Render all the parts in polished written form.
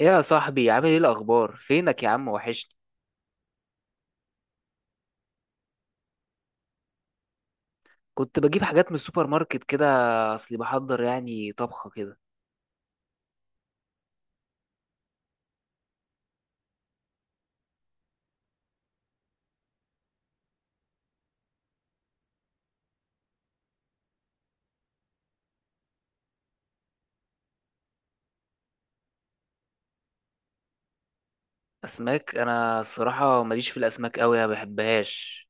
ايه يا صاحبي، عامل ايه؟ الاخبار؟ فينك يا عم، وحشني. كنت بجيب حاجات من السوبر ماركت كده. اصلي بحضر يعني طبخه كده. اسماك؟ انا الصراحه ماليش في الاسماك قوي، ما بحبهاش.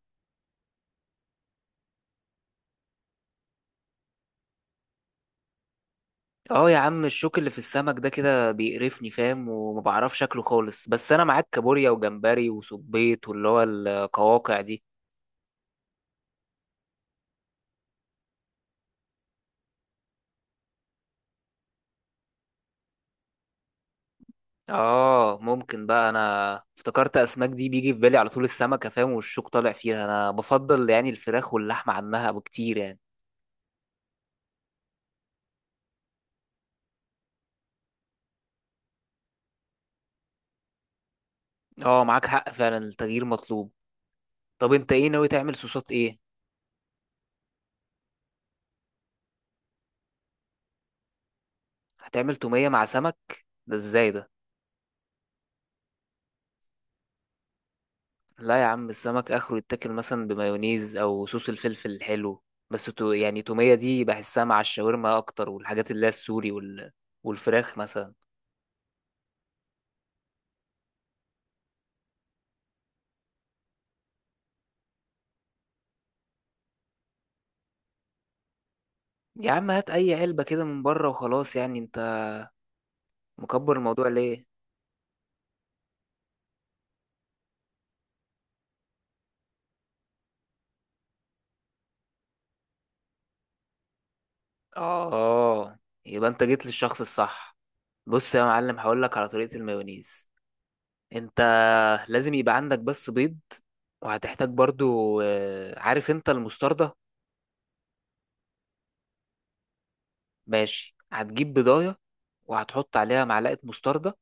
اه يا عم، الشوك اللي في السمك ده كده بيقرفني، فاهم؟ وما بعرفش شكله خالص، بس انا معاك كابوريا وجمبري وسبيط واللي هو القواقع دي. اه ممكن، بقى انا افتكرت اسماك دي بيجي في بالي على طول السمكه، فاهم؟ والشوك طالع فيها. انا بفضل يعني الفراخ واللحمه عنها بكتير يعني. اه معاك حق، فعلا التغيير مطلوب. طب انت ايه ناوي تعمل؟ صوصات ايه؟ هتعمل تومية مع سمك؟ ده ازاي ده؟ لا يا عم، السمك اخره يتاكل مثلا بمايونيز او صوص الفلفل الحلو. بس يعني تومية دي بحسها مع الشاورما اكتر، والحاجات اللي هي السوري والفراخ مثلا. يا عم، هات اي علبة كده من بره وخلاص، يعني انت مكبر الموضوع ليه؟ اه، اه، يبقى انت جيت للشخص الصح. بص يا معلم، هقولك على طريقة المايونيز. انت لازم يبقى عندك بس بيض. وهتحتاج برضو عارف انت المستردة؟ ماشي، هتجيب بيضاية، وهتحط عليها معلقة مستردة،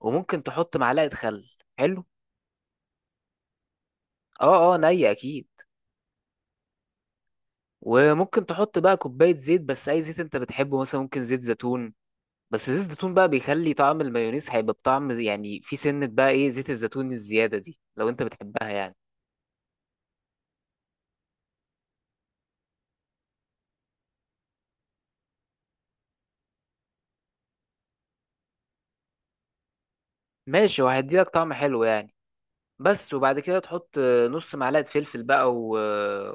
وممكن تحط معلقة خل. حلو. اه، اه، نية اكيد. وممكن تحط بقى كوباية زيت، بس اي زيت انت بتحبه، مثلا ممكن زيت زيتون. بس زيت الزيتون بقى بيخلي طعم المايونيز هيبقى بطعم يعني في سنة، بقى ايه زيت الزيتون الزيادة دي لو انت بتحبها يعني. ماشي، وهيديلك طعم حلو يعني. بس وبعد كده تحط نص معلقة فلفل بقى،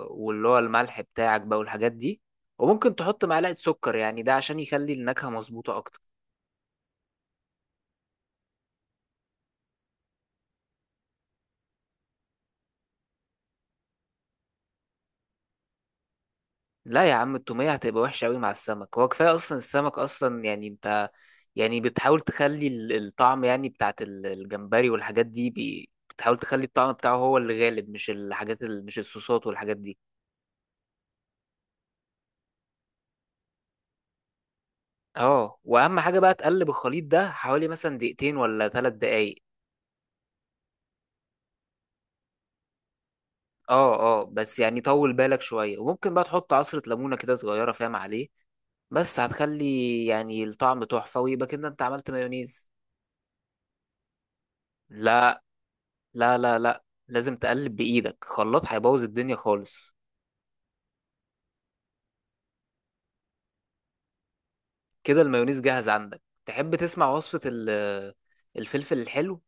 واللي هو الملح بتاعك بقى والحاجات دي. وممكن تحط معلقة سكر، يعني ده عشان يخلي النكهة مظبوطة أكتر. لا يا عم، التومية هتبقى وحشة أوي مع السمك، هو كفاية أصلا السمك أصلا، يعني أنت، يعني بتحاول تخلي الطعم يعني بتاعت الجمبري والحاجات دي، بتحاول تخلي الطعم بتاعه هو اللي غالب، مش الحاجات مش الصوصات والحاجات دي. اه، واهم حاجه بقى تقلب الخليط ده حوالي مثلا دقيقتين ولا 3 دقايق. اه، اه، بس يعني طول بالك شوية، وممكن بقى تحط عصرة ليمونة كده صغيرة، فاهم عليه؟ بس هتخلي يعني الطعم تحفة، ويبقى كده انت عملت مايونيز. لا، لا، لا، لا، لازم تقلب بإيدك، خلاط هيبوظ الدنيا خالص. كده المايونيز جاهز عندك. تحب تسمع وصفة الفلفل الحلو؟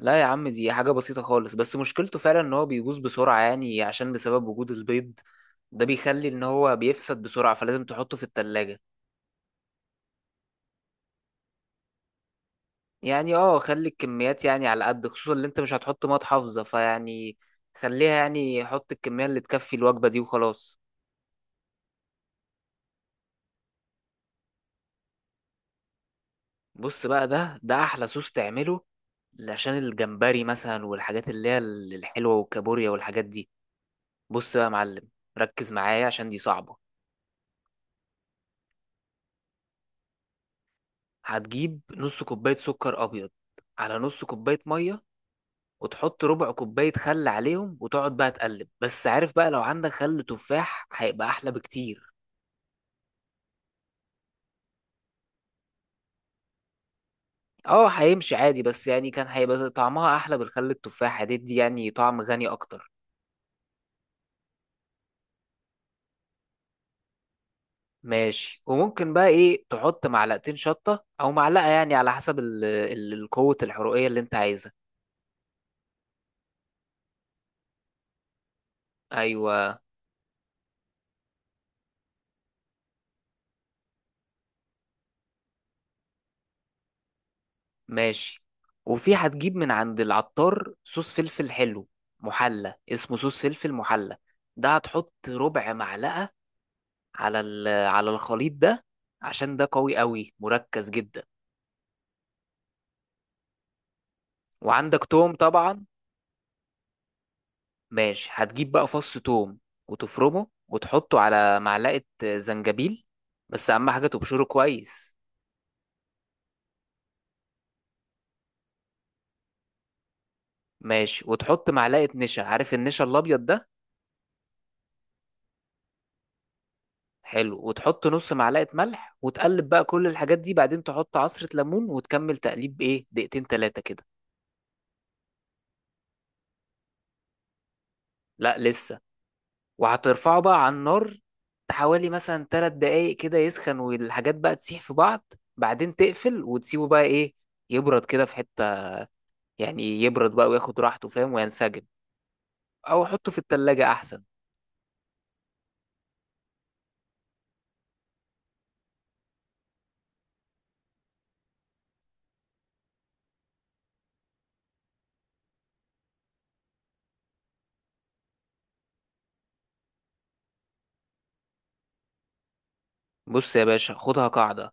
لا يا عم، دي حاجة بسيطة خالص، بس مشكلته فعلا ان هو بيبوظ بسرعة يعني، عشان بسبب وجود البيض ده بيخلي ان هو بيفسد بسرعة، فلازم تحطه في التلاجة. يعني اه، خلي الكميات يعني على قد، خصوصا اللي انت مش هتحط ميه حافظه فيعني، خليها يعني، حط الكميه اللي تكفي الوجبه دي وخلاص. بص بقى، ده احلى صوص تعمله، عشان الجمبري مثلا والحاجات اللي هي الحلوه والكابوريا والحاجات دي. بص بقى يا معلم، ركز معايا عشان دي صعبه. هتجيب نص كوبايه سكر ابيض، على نص كوبايه ميه، وتحط ربع كوبايه خل عليهم، وتقعد بقى تقلب. بس عارف بقى، لو عندك خل تفاح هيبقى احلى بكتير. اه هيمشي عادي، بس يعني كان هيبقى طعمها احلى، بالخل التفاح هتدي يعني طعم غني اكتر. ماشي، وممكن بقى ايه، تحط معلقتين شطة او معلقة، يعني على حسب القوة الحرقية اللي انت عايزها. ايوه. ماشي، وفي هتجيب من عند العطار صوص فلفل حلو محلى، اسمه صوص فلفل محلى، ده هتحط ربع معلقة على على الخليط ده، عشان ده قوي قوي مركز جدا. وعندك توم طبعا. ماشي، هتجيب بقى فص توم، وتفرمه وتحطه على معلقة زنجبيل، بس أهم حاجة تبشره كويس. ماشي، وتحط معلقة نشا، عارف النشا الأبيض ده؟ حلو، وتحط نص معلقة ملح، وتقلب بقى كل الحاجات دي، بعدين تحط عصرة ليمون، وتكمل تقليب إيه دقيقتين تلاتة كده. لا لسه، وهترفعه بقى على النار حوالي مثلا 3 دقايق كده يسخن، والحاجات بقى تسيح في بعض، بعدين تقفل وتسيبه بقى إيه، يبرد كده في حتة، يعني يبرد بقى وياخد راحته فاهم، وينسجم. او حطه في التلاجة احسن. بص يا باشا، خدها قاعدة،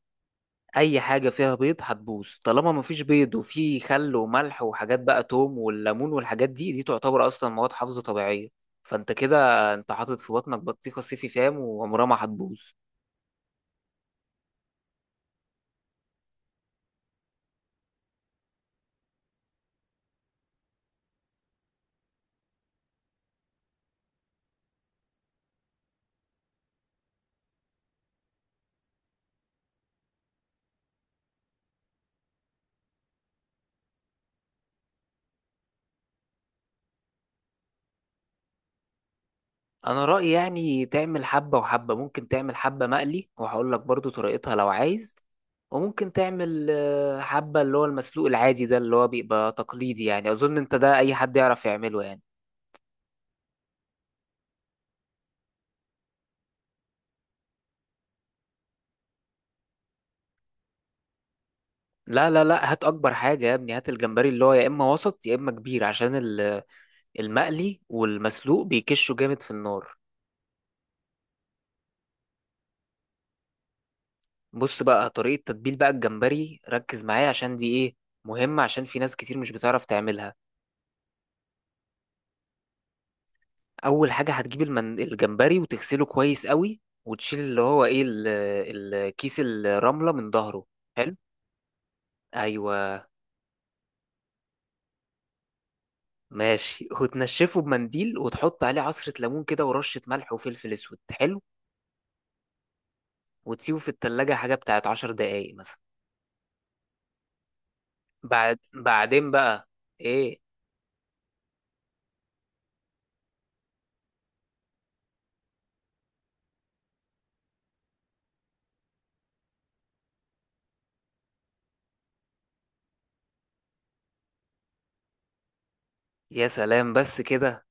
اي حاجة فيها بيض هتبوظ. طالما مفيش بيض وفي خل وملح وحاجات بقى، توم والليمون والحاجات دي، دي تعتبر اصلا مواد حافظة طبيعية. فانت كده، انت حاطط في بطنك بطيخة صيفي، فام وعمرها ما هتبوظ. انا رأيي يعني تعمل حبة وحبة، ممكن تعمل حبة مقلي وهقول لك برضو طريقتها لو عايز، وممكن تعمل حبة اللي هو المسلوق العادي ده، اللي هو بيبقى تقليدي، يعني اظن انت ده اي حد يعرف يعمله يعني. لا، لا، لا، هات اكبر حاجه يا ابني، هات الجمبري اللي هو يا اما وسط يا اما كبير، عشان المقلي والمسلوق بيكشوا جامد في النار. بص بقى طريقه تتبيل بقى الجمبري، ركز معايا عشان دي ايه، مهمه، عشان في ناس كتير مش بتعرف تعملها. اول حاجه هتجيب الجمبري وتغسله كويس قوي، وتشيل اللي هو ايه الكيس الرمله من ظهره. حلو. ايوه. ماشي، وتنشفه بمنديل وتحط عليه عصره ليمون كده ورشه ملح وفلفل اسود. حلو، وتسيبه في التلاجة حاجة بتاعت 10 دقايق مثلا. بعدين بقى ايه. يا سلام بس كده.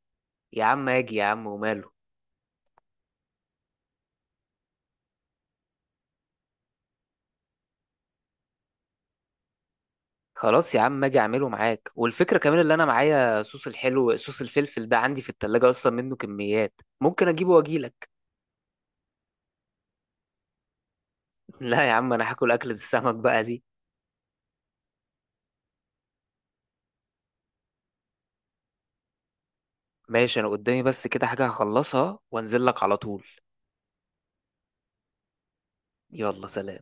يا عم اجي، يا عم وماله. خلاص يا عم، اجي اعمله معاك، والفكره كمان اللي انا معايا صوص الحلو، صوص الفلفل ده عندي في التلاجة اصلا منه كميات، ممكن اجيبه واجيلك. لا يا عم، انا هاكل اكلة السمك بقى دي. ماشي، انا قدامي بس كده حاجه هخلصها وانزل لك على طول. يلا، سلام.